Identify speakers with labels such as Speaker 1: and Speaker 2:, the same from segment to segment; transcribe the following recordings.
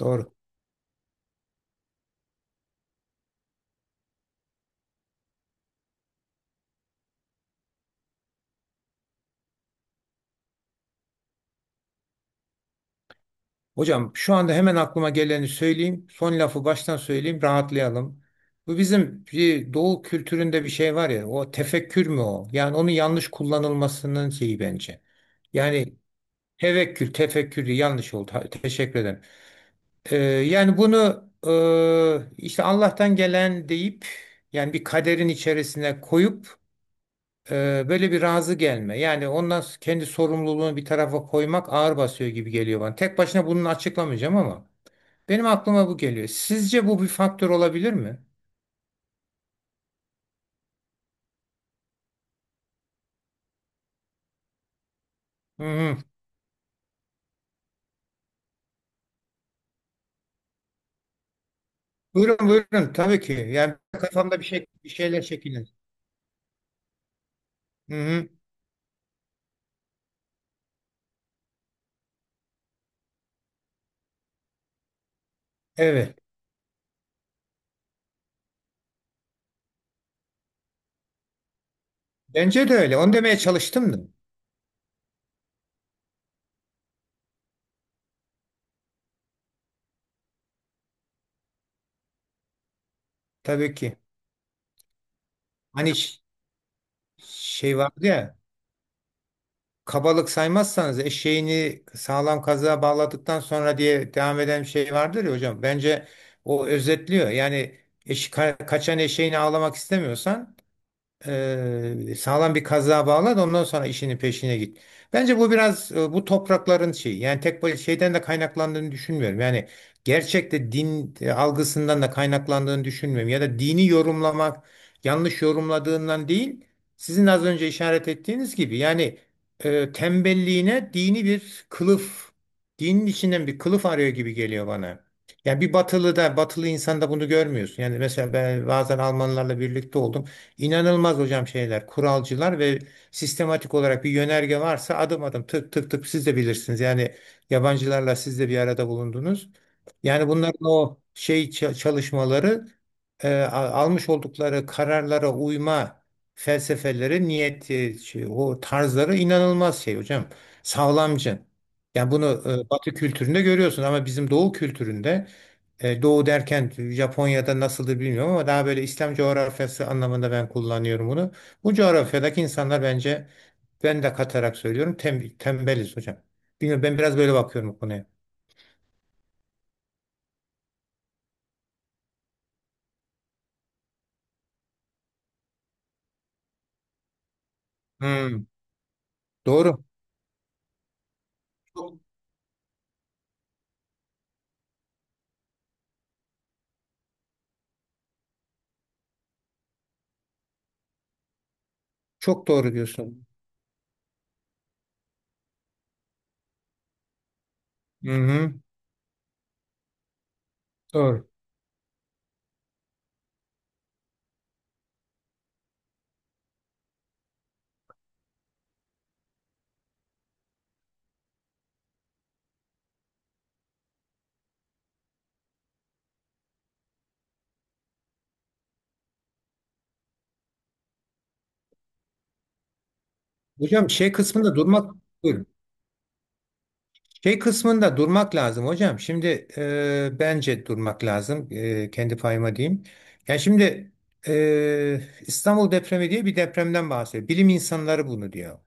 Speaker 1: Doğru. Hocam şu anda hemen aklıma geleni söyleyeyim. Son lafı baştan söyleyeyim, rahatlayalım. Bu bizim bir doğu kültüründe bir şey var ya, o tefekkür mü o? Yani onun yanlış kullanılmasının şeyi bence. Yani tevekkül, tefekkür diye yanlış oldu. Ha, teşekkür ederim. Yani bunu işte Allah'tan gelen deyip yani bir kaderin içerisine koyup böyle bir razı gelme. Yani ondan kendi sorumluluğunu bir tarafa koymak ağır basıyor gibi geliyor bana. Tek başına bunu açıklamayacağım ama. Benim aklıma bu geliyor. Sizce bu bir faktör olabilir mi? Hı hı. Buyurun buyurun tabii ki. Yani kafamda bir şeyler şekillenir. Hı hı. Evet. Bence de öyle. Onu demeye çalıştım da. Tabii ki. Hani ş- Şey vardı ya. Kabalık saymazsanız eşeğini sağlam kazığa bağladıktan sonra diye devam eden bir şey vardır ya hocam. Bence o özetliyor. Yani kaçan eşeğini ağlamak istemiyorsan sağlam bir kazığa bağla da ondan sonra işinin peşine git. Bence bu biraz bu toprakların şeyi yani şeyden de kaynaklandığını düşünmüyorum. Yani gerçekte din algısından da kaynaklandığını düşünmüyorum. Ya da dini yorumlamak yanlış yorumladığından değil, sizin az önce işaret ettiğiniz gibi yani tembelliğine dini bir kılıf, dinin içinden bir kılıf arıyor gibi geliyor bana. Yani bir batılı da batılı insanda bunu görmüyorsun. Yani mesela ben bazen Almanlarla birlikte oldum. İnanılmaz hocam şeyler, kuralcılar ve sistematik olarak bir yönerge varsa adım adım tık tık tık siz de bilirsiniz. Yani yabancılarla siz de bir arada bulundunuz. Yani bunların o şey çalışmaları, almış oldukları kararlara uyma felsefeleri, niyeti, şey, o tarzları inanılmaz şey hocam. Sağlamcı. Yani bunu Batı kültüründe görüyorsun ama bizim Doğu kültüründe doğu derken Japonya'da nasıldır bilmiyorum ama daha böyle İslam coğrafyası anlamında ben kullanıyorum bunu. Bu coğrafyadaki insanlar bence, ben de katarak söylüyorum, tembeliz hocam. Bilmiyorum, ben biraz böyle bakıyorum bu konuya. Hmm, doğru. Çok, çok doğru diyorsun. Hı hı, doğru. Hocam şey kısmında durmak. Buyurun. Şey kısmında durmak lazım hocam. Şimdi bence durmak lazım. E, kendi payıma diyeyim. Yani şimdi e, İstanbul depremi diye bir depremden bahsediyor. Bilim insanları bunu diyor.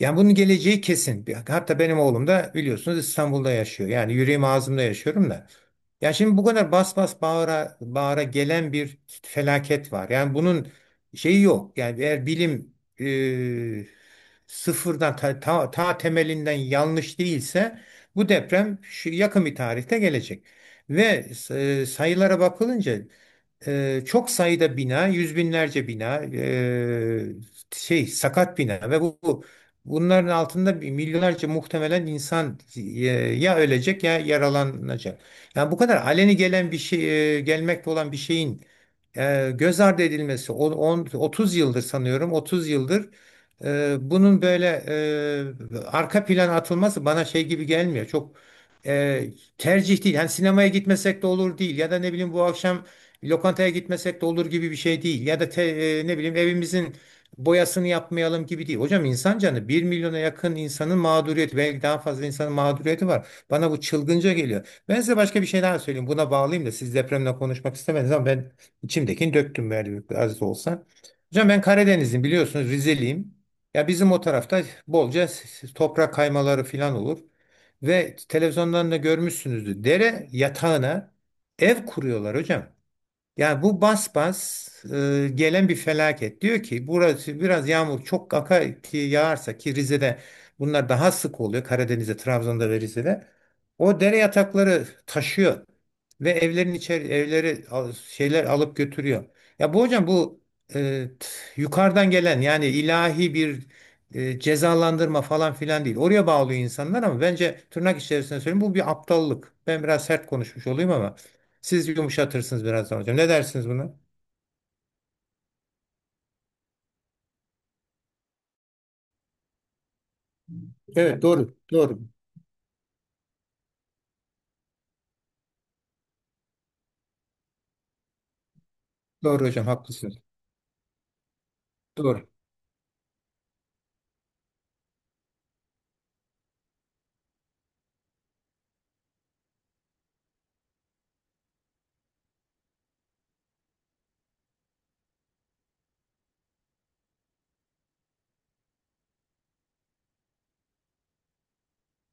Speaker 1: Yani bunun geleceği kesin. Hatta benim oğlum da biliyorsunuz İstanbul'da yaşıyor. Yani yüreğim ağzımda yaşıyorum da. Ya şimdi bu kadar bas bas bağıra bağıra gelen bir felaket var. Yani bunun şeyi yok. Yani eğer bilim e, sıfırdan ta temelinden yanlış değilse bu deprem şu yakın bir tarihte gelecek. Ve sayılara bakılınca çok sayıda bina, yüz binlerce bina, şey sakat bina ve bunların altında bir milyonlarca muhtemelen insan ya ölecek ya yaralanacak. Yani bu kadar aleni gelen bir şey, gelmekte olan bir şeyin göz ardı edilmesi, 30 yıldır sanıyorum, 30 yıldır bunun böyle arka plana atılması bana şey gibi gelmiyor. Çok tercih değil. Yani sinemaya gitmesek de olur değil ya da ne bileyim bu akşam bir lokantaya gitmesek de olur gibi bir şey değil. Ne bileyim evimizin boyasını yapmayalım gibi değil. Hocam insan canı, bir milyona yakın insanın mağduriyeti, belki daha fazla insanın mağduriyeti var. Bana bu çılgınca geliyor. Ben size başka bir şey daha söyleyeyim. Buna bağlayayım da, siz depremle konuşmak istemediniz ama ben içimdekini döktüm az da olsa. Hocam ben Karadenizliyim biliyorsunuz, Rizeliyim. Ya bizim o tarafta bolca toprak kaymaları falan olur. Ve televizyondan da görmüşsünüzdür. Dere yatağına ev kuruyorlar hocam. Yani bu bas bas gelen bir felaket. Diyor ki burası biraz yağmur çok kaka ki yağarsa, ki Rize'de bunlar daha sık oluyor. Karadeniz'de, Trabzon'da ve Rize'de. O dere yatakları taşıyor ve evleri şeyler alıp götürüyor. Ya bu hocam bu yukarıdan gelen yani ilahi bir cezalandırma falan filan değil. Oraya bağlıyor insanlar ama bence, tırnak içerisinde söyleyeyim, bu bir aptallık. Ben biraz sert konuşmuş olayım ama. Siz yumuşatırsınız birazdan hocam. Ne dersiniz buna? Evet doğru. Doğru. Doğru hocam haklısınız. Doğru.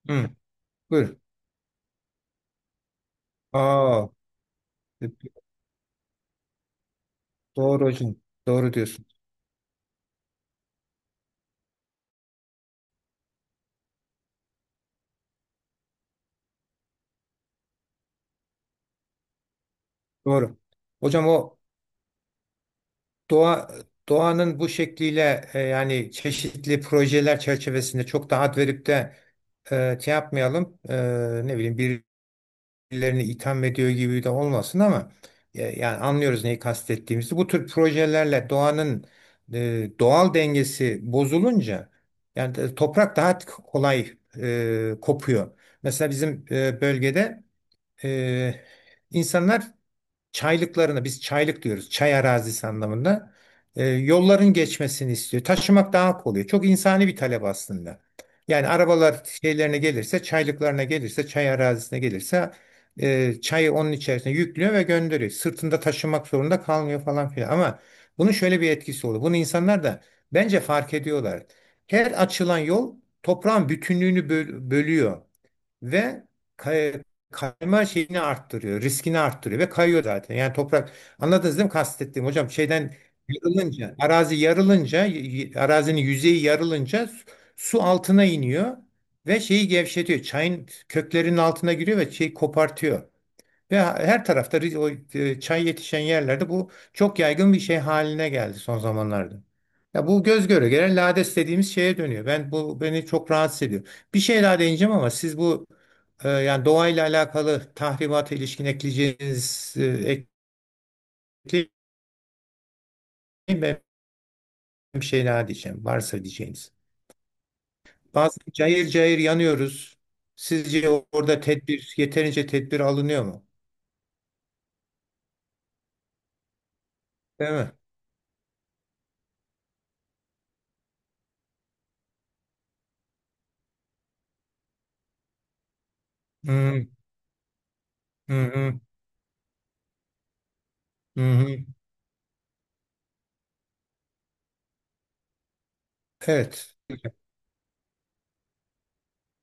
Speaker 1: Hı, buyur. Aa, doğru hocam. Doğru diyorsun. Doğru. Hocam o doğa doğanın bu şekliyle yani çeşitli projeler çerçevesinde çok da ad verip de şey yapmayalım. E, ne bileyim, birilerini itham ediyor gibi de olmasın ama yani anlıyoruz neyi kastettiğimizi. Bu tür projelerle doğanın doğal dengesi bozulunca yani toprak daha kolay kopuyor. Mesela bizim bölgede e, insanlar çaylıklarına, biz çaylık diyoruz çay arazisi anlamında, yolların geçmesini istiyor. Taşımak daha kolay. Çok insani bir talep aslında. Yani arabalar şeylerine gelirse çaylıklarına gelirse, çay arazisine gelirse çayı onun içerisine yüklüyor ve gönderiyor. Sırtında taşımak zorunda kalmıyor falan filan. Ama bunun şöyle bir etkisi oluyor. Bunu insanlar da bence fark ediyorlar. Her açılan yol toprağın bütünlüğünü bölüyor ve kay- kayma şeyini arttırıyor, riskini arttırıyor ve kayıyor zaten. Yani toprak, anladınız değil mi kastettiğim hocam? Şeyden yarılınca, arazi yarılınca, arazinin yüzeyi yarılınca su, altına iniyor ve şeyi gevşetiyor. Çayın köklerinin altına giriyor ve şeyi kopartıyor. Ve her tarafta çay yetişen yerlerde bu çok yaygın bir şey haline geldi son zamanlarda. Ya bu göz göre gelen lades dediğimiz şeye dönüyor. Beni çok rahatsız ediyor. Bir şey daha değineceğim ama siz bu yani doğayla alakalı tahribata ilişkin ekleyeceğiniz ekleyin, ben bir şey daha diyeceğim. Varsa diyeceğiniz. Bazı cayır cayır yanıyoruz. Sizce orada yeterince tedbir alınıyor mu? Değil mi? Hı hı, hı hı. Hı hı. Evet.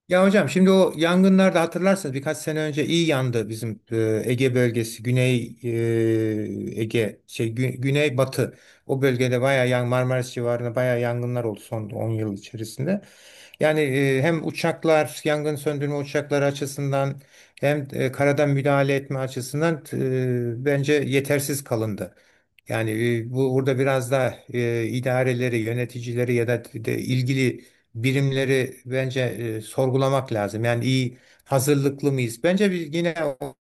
Speaker 1: Ya hocam şimdi o yangınlarda hatırlarsanız birkaç sene önce iyi yandı bizim Ege bölgesi, Güney Ege, şey Güney Batı. O bölgede bayağı yan Marmaris civarında bayağı yangınlar oldu son 10 yıl içerisinde. Yani hem uçaklar, yangın söndürme uçakları açısından, hem karadan müdahale etme açısından bence yetersiz kalındı. Yani bu, burada biraz da idareleri, yöneticileri ya da de ilgili birimleri bence sorgulamak lazım. Yani iyi hazırlıklı mıyız? Bence biz yine o-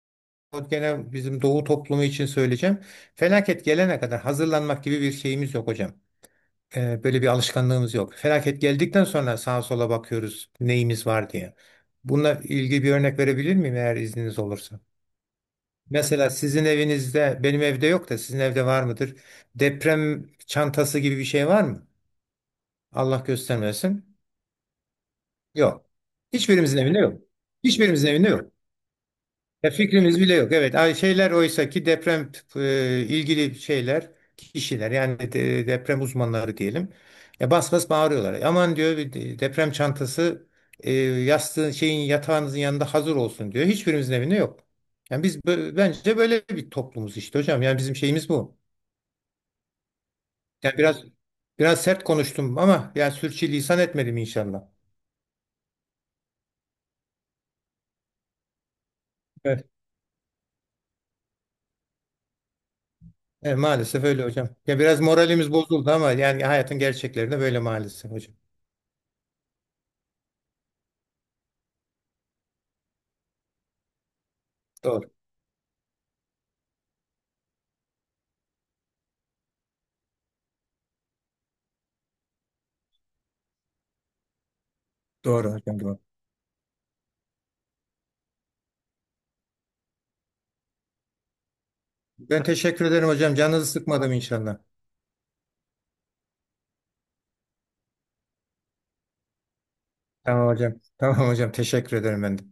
Speaker 1: o gene bizim Doğu toplumu için söyleyeceğim. Felaket gelene kadar hazırlanmak gibi bir şeyimiz yok hocam. Böyle bir alışkanlığımız yok. Felaket geldikten sonra sağa sola bakıyoruz neyimiz var diye. Bununla ilgili bir örnek verebilir miyim eğer izniniz olursa? Mesela sizin evinizde, benim evde yok da sizin evde var mıdır? Deprem çantası gibi bir şey var mı? Allah göstermesin. Yok. Hiçbirimizin evinde yok. Hiçbirimizin evinde yok. Ya fikrimiz bile yok. Evet, ay şeyler, oysa ki deprem ilgili şeyler, kişiler yani deprem uzmanları diyelim. Ya bas bas bağırıyorlar. Aman diyor bir deprem çantası yastığın şeyin, yatağınızın yanında hazır olsun diyor. Hiçbirimizin evinde yok. Yani biz bence böyle bir toplumuz işte hocam. Yani bizim şeyimiz bu. Yani biraz sert konuştum ama yani sürçülisan etmedim inşallah. Evet, maalesef öyle hocam. Ya biraz moralimiz bozuldu ama yani hayatın gerçekleri de böyle maalesef hocam. Doğru. Doğru hocam doğru. Ben teşekkür ederim hocam. Canınızı sıkmadım inşallah. Tamam hocam. Tamam hocam. Teşekkür ederim ben de.